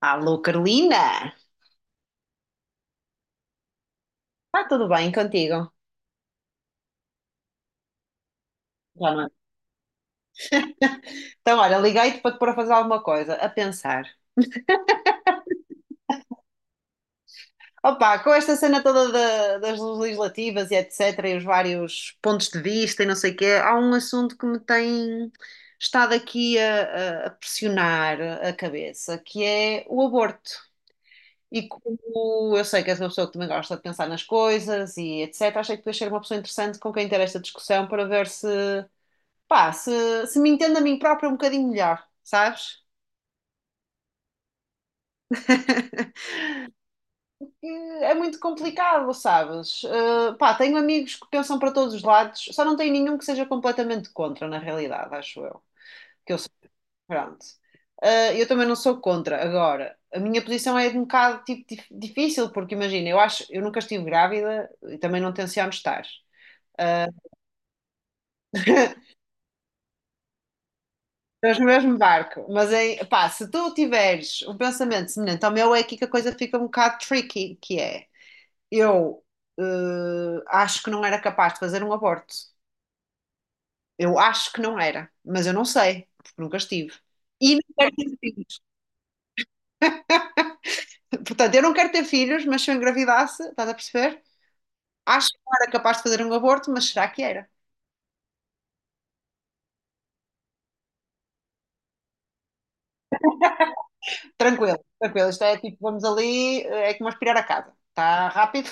Alô, Carolina! Está tudo bem contigo? Já não é? Então, olha, liguei-te para te pôr a fazer alguma coisa, a pensar. Opa, com esta cena toda das legislativas e etc, e os vários pontos de vista e não sei o quê, há um assunto que me tem estado aqui a pressionar a cabeça, que é o aborto. E como eu sei que és uma pessoa que também gosta de pensar nas coisas e etc, achei que podias ser uma pessoa interessante com quem ter esta discussão para ver se pá, se me entendo a mim própria um bocadinho melhor, sabes? E É muito complicado, sabes? Pá, tenho amigos que pensam para todos os lados, só não tenho nenhum que seja completamente contra, na realidade, acho eu. Que eu sou, pronto. Eu também não sou contra. Agora, a minha posição é de um bocado tipo, difícil, porque imagina, eu acho, eu nunca estive grávida e também não tenciono estar. Eh, Estamos no mesmo barco, mas é, pá, se tu tiveres um pensamento semelhante ao meu, é aqui que a coisa fica um bocado tricky, que é, eu acho que não era capaz de fazer um aborto. Eu acho que não era, mas eu não sei, porque nunca estive. E não quero ter filhos. Portanto, eu não quero ter filhos, mas se eu engravidasse, estás a perceber? Acho que não era capaz de fazer um aborto, mas será que era? Tranquilo, tranquilo. Isto é tipo, vamos ali, é como aspirar a casa. Está rápido.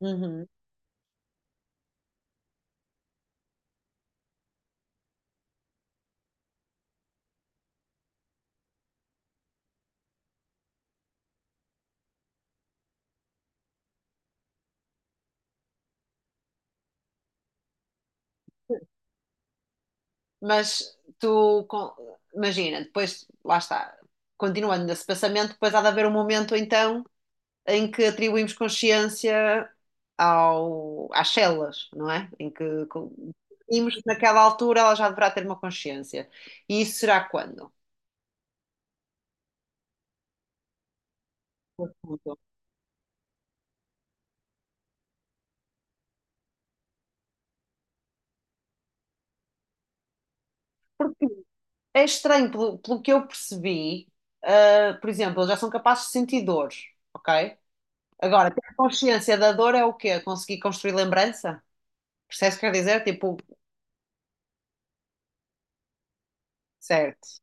Uhum. Mas tu, imagina, depois, lá está, continuando nesse pensamento, depois há de haver um momento então em que atribuímos consciência ao, às células, não é? Em que definimos que naquela altura ela já deverá ter uma consciência. E isso será quando? Pergunto. É estranho, pelo que eu percebi, ah, por exemplo, eles já são capazes de sentir dor, ok? Agora, ter consciência da dor é o quê? Conseguir construir lembrança? Percebes o que quer dizer? Tipo, certo.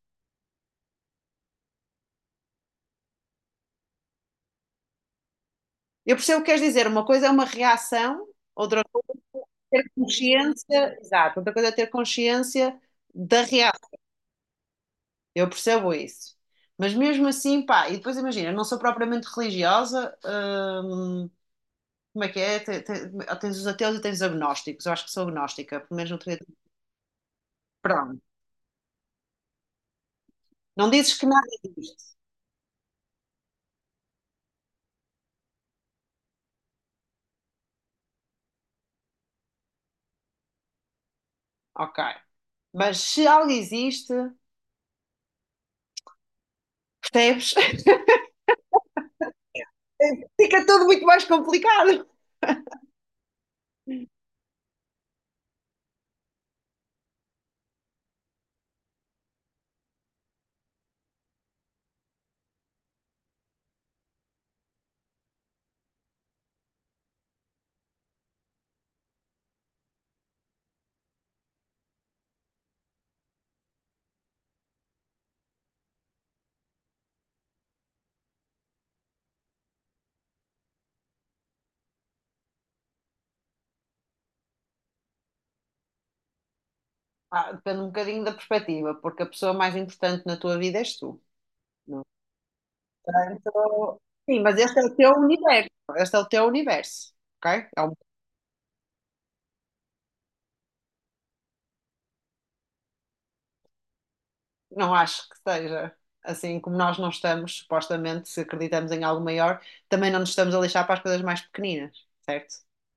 Eu percebo o que queres dizer. Uma coisa é uma reação, outra ter consciência, exato, outra coisa é ter consciência da reação. Eu percebo isso. Mas mesmo assim, pá, e depois imagina, eu não sou propriamente religiosa, hum, como é que é? Tens os ateus e tens os agnósticos. Eu acho que sou agnóstica, pelo menos não teria. Pronto. Não dizes que nada existe. Ok. Mas se algo existe, percebes? Fica tudo muito mais complicado. Ah, depende um bocadinho da perspectiva, porque a pessoa mais importante na tua vida és tu. Portanto, sim, mas este é o teu universo. Este é o teu universo, ok? Não acho que seja assim como nós não estamos, supostamente, se acreditamos em algo maior, também não nos estamos a lixar para as coisas mais pequeninas, certo?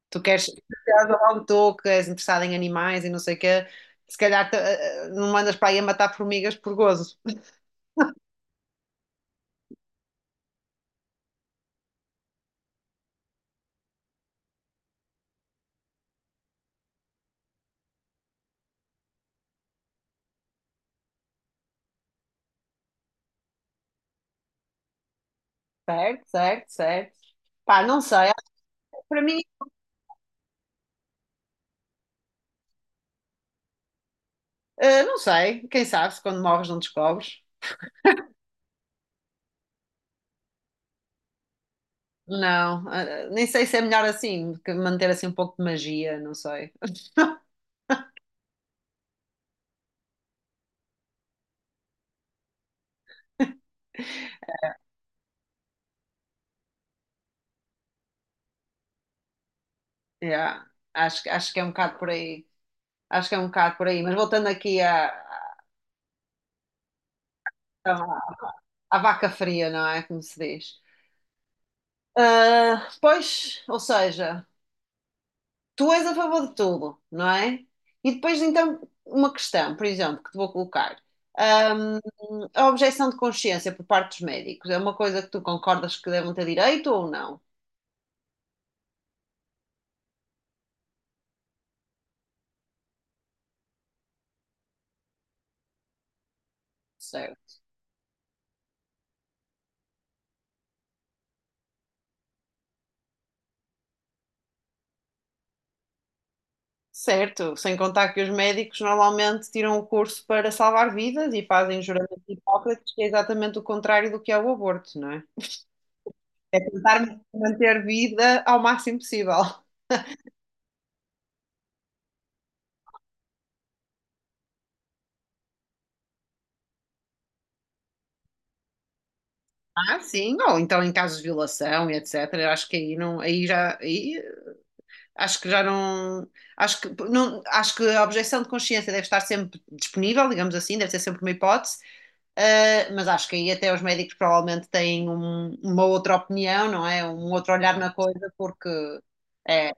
Tu queres, se és logo tu que és interessado em animais e não sei o quê, se calhar não mandas para aí a matar formigas por gozo. Certo, certo, certo. Pá, não sei. Para mim, não sei. Quem sabe se quando morres não descobres. Não, nem sei se é melhor assim, que manter assim um pouco de magia, não sei. Yeah, acho, acho que é um bocado por aí. Acho que é um bocado por aí. Mas voltando aqui a à vaca fria, não é? Como se diz. Ah, pois, ou seja, tu és a favor de tudo, não é? E depois, então, uma questão, por exemplo, que te vou colocar. Ahm, a objeção de consciência por parte dos médicos é uma coisa que tu concordas que devem ter direito ou não? Certo. Certo, sem contar que os médicos normalmente tiram o curso para salvar vidas e fazem o juramento de Hipócrates, que é exatamente o contrário do que é o aborto, não é? É tentar manter vida ao máximo possível. Ah, sim, ou então em casos de violação e etc. Eu acho que aí não, aí já, aí acho que já não, acho que não, acho que a objeção de consciência deve estar sempre disponível, digamos assim, deve ser sempre uma hipótese, ah, mas acho que aí até os médicos provavelmente têm uma outra opinião, não é? Um outro olhar na coisa, porque é,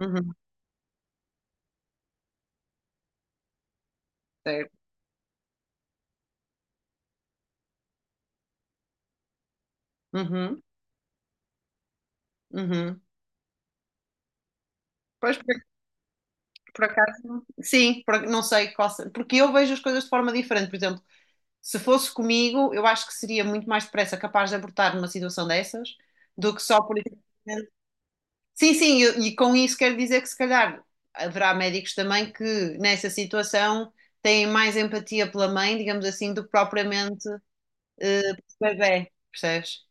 uhum, certo, uhum, uhum. Pois por, por acaso, sim, não sei qual, porque eu vejo as coisas de forma diferente, por exemplo. Se fosse comigo, eu acho que seria muito mais depressa capaz de abortar numa situação dessas do que só por. Sim, sim, e com isso quero dizer que se calhar haverá médicos também que nessa situação têm mais empatia pela mãe, digamos assim, do que propriamente o bebé, percebes?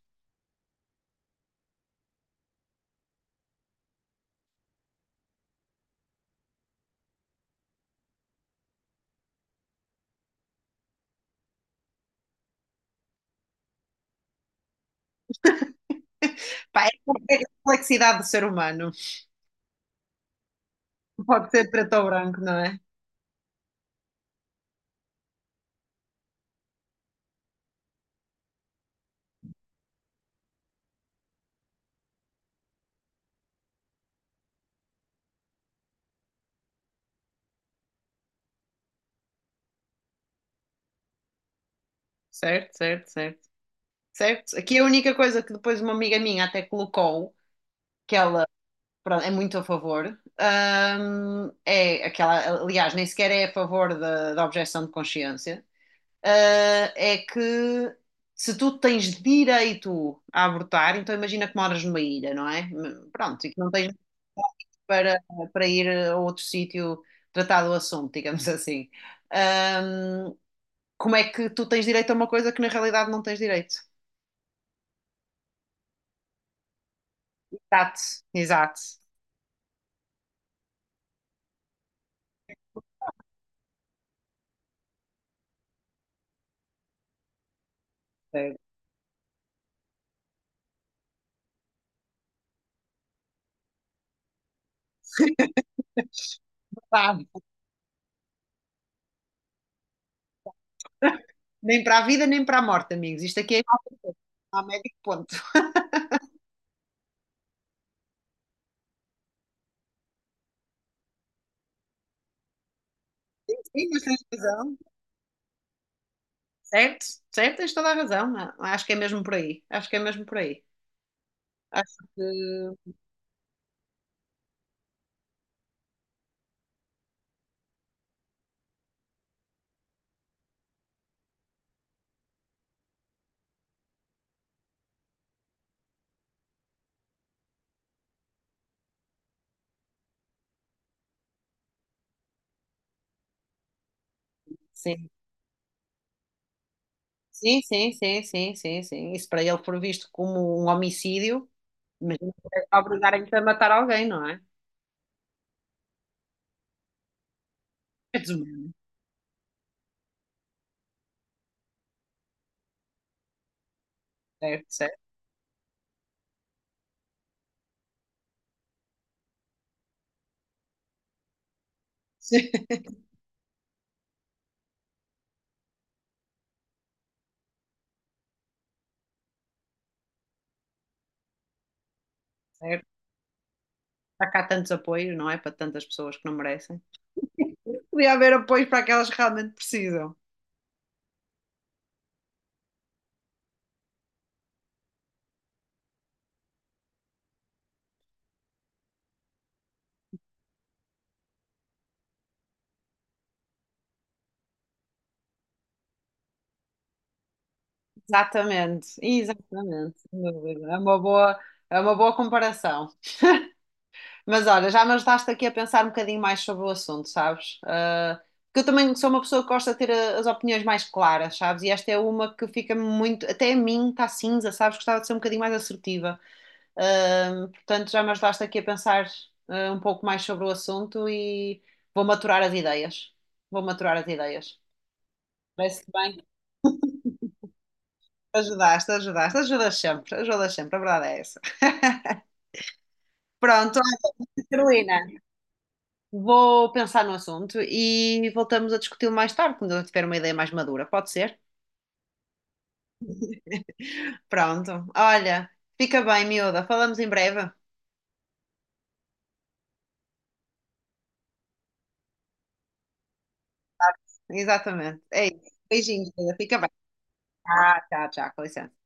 Pá, é a complexidade do ser humano. Pode ser preto ou branco, não é? Certo, certo, certo. Certo? Aqui a única coisa que depois uma amiga minha até colocou, que ela Pronto, é muito a favor. É aquela, aliás, nem sequer é a favor da objeção de consciência. Ah, é que se tu tens direito a abortar, então imagina que moras numa ilha, não é? Pronto, e que não tens para, para ir a outro sítio tratar do assunto, digamos assim. Ahm, Como é que tu tens direito a uma coisa que na realidade não tens direito? Exato, exato. É, sabe? Nem para a vida, nem para a morte, amigos. Isto aqui é a médico ponto. Sim, mas tens razão. Certo, certo, tens toda a razão. Acho que é mesmo por aí. Acho que é mesmo por aí. Acho que sim. Sim, sim, sim, sim, sim, sim. Isso para ele for visto como um homicídio, mas não é obrigarem-te a matar alguém, não é? É desumano. Certo, certo. Certo. Há cá tantos apoios, não é? Para tantas pessoas que não merecem. Podia haver apoios para aquelas que realmente precisam. Exatamente, exatamente, sem dúvida. É uma boa comparação. Mas olha, já me ajudaste aqui a pensar um bocadinho mais sobre o assunto, sabes? Ah, porque eu também sou uma pessoa que gosta de ter as opiniões mais claras, sabes? E esta é uma que fica muito, até a mim está cinza, sabes? Gostava de ser um bocadinho mais assertiva. Ah, portanto, já me ajudaste aqui a pensar ah, um pouco mais sobre o assunto e vou maturar as ideias. Vou maturar as ideias. Parece bem. Ajudaste, ajudaste, ajudas sempre, a verdade é essa. Pronto, Carolina, vou pensar no assunto e voltamos a discuti-lo mais tarde, quando eu tiver uma ideia mais madura, pode ser? Pronto, olha, fica bem, miúda, falamos em breve. Exatamente, é isso. Beijinhos, miúda, fica bem. Tchau, com licença.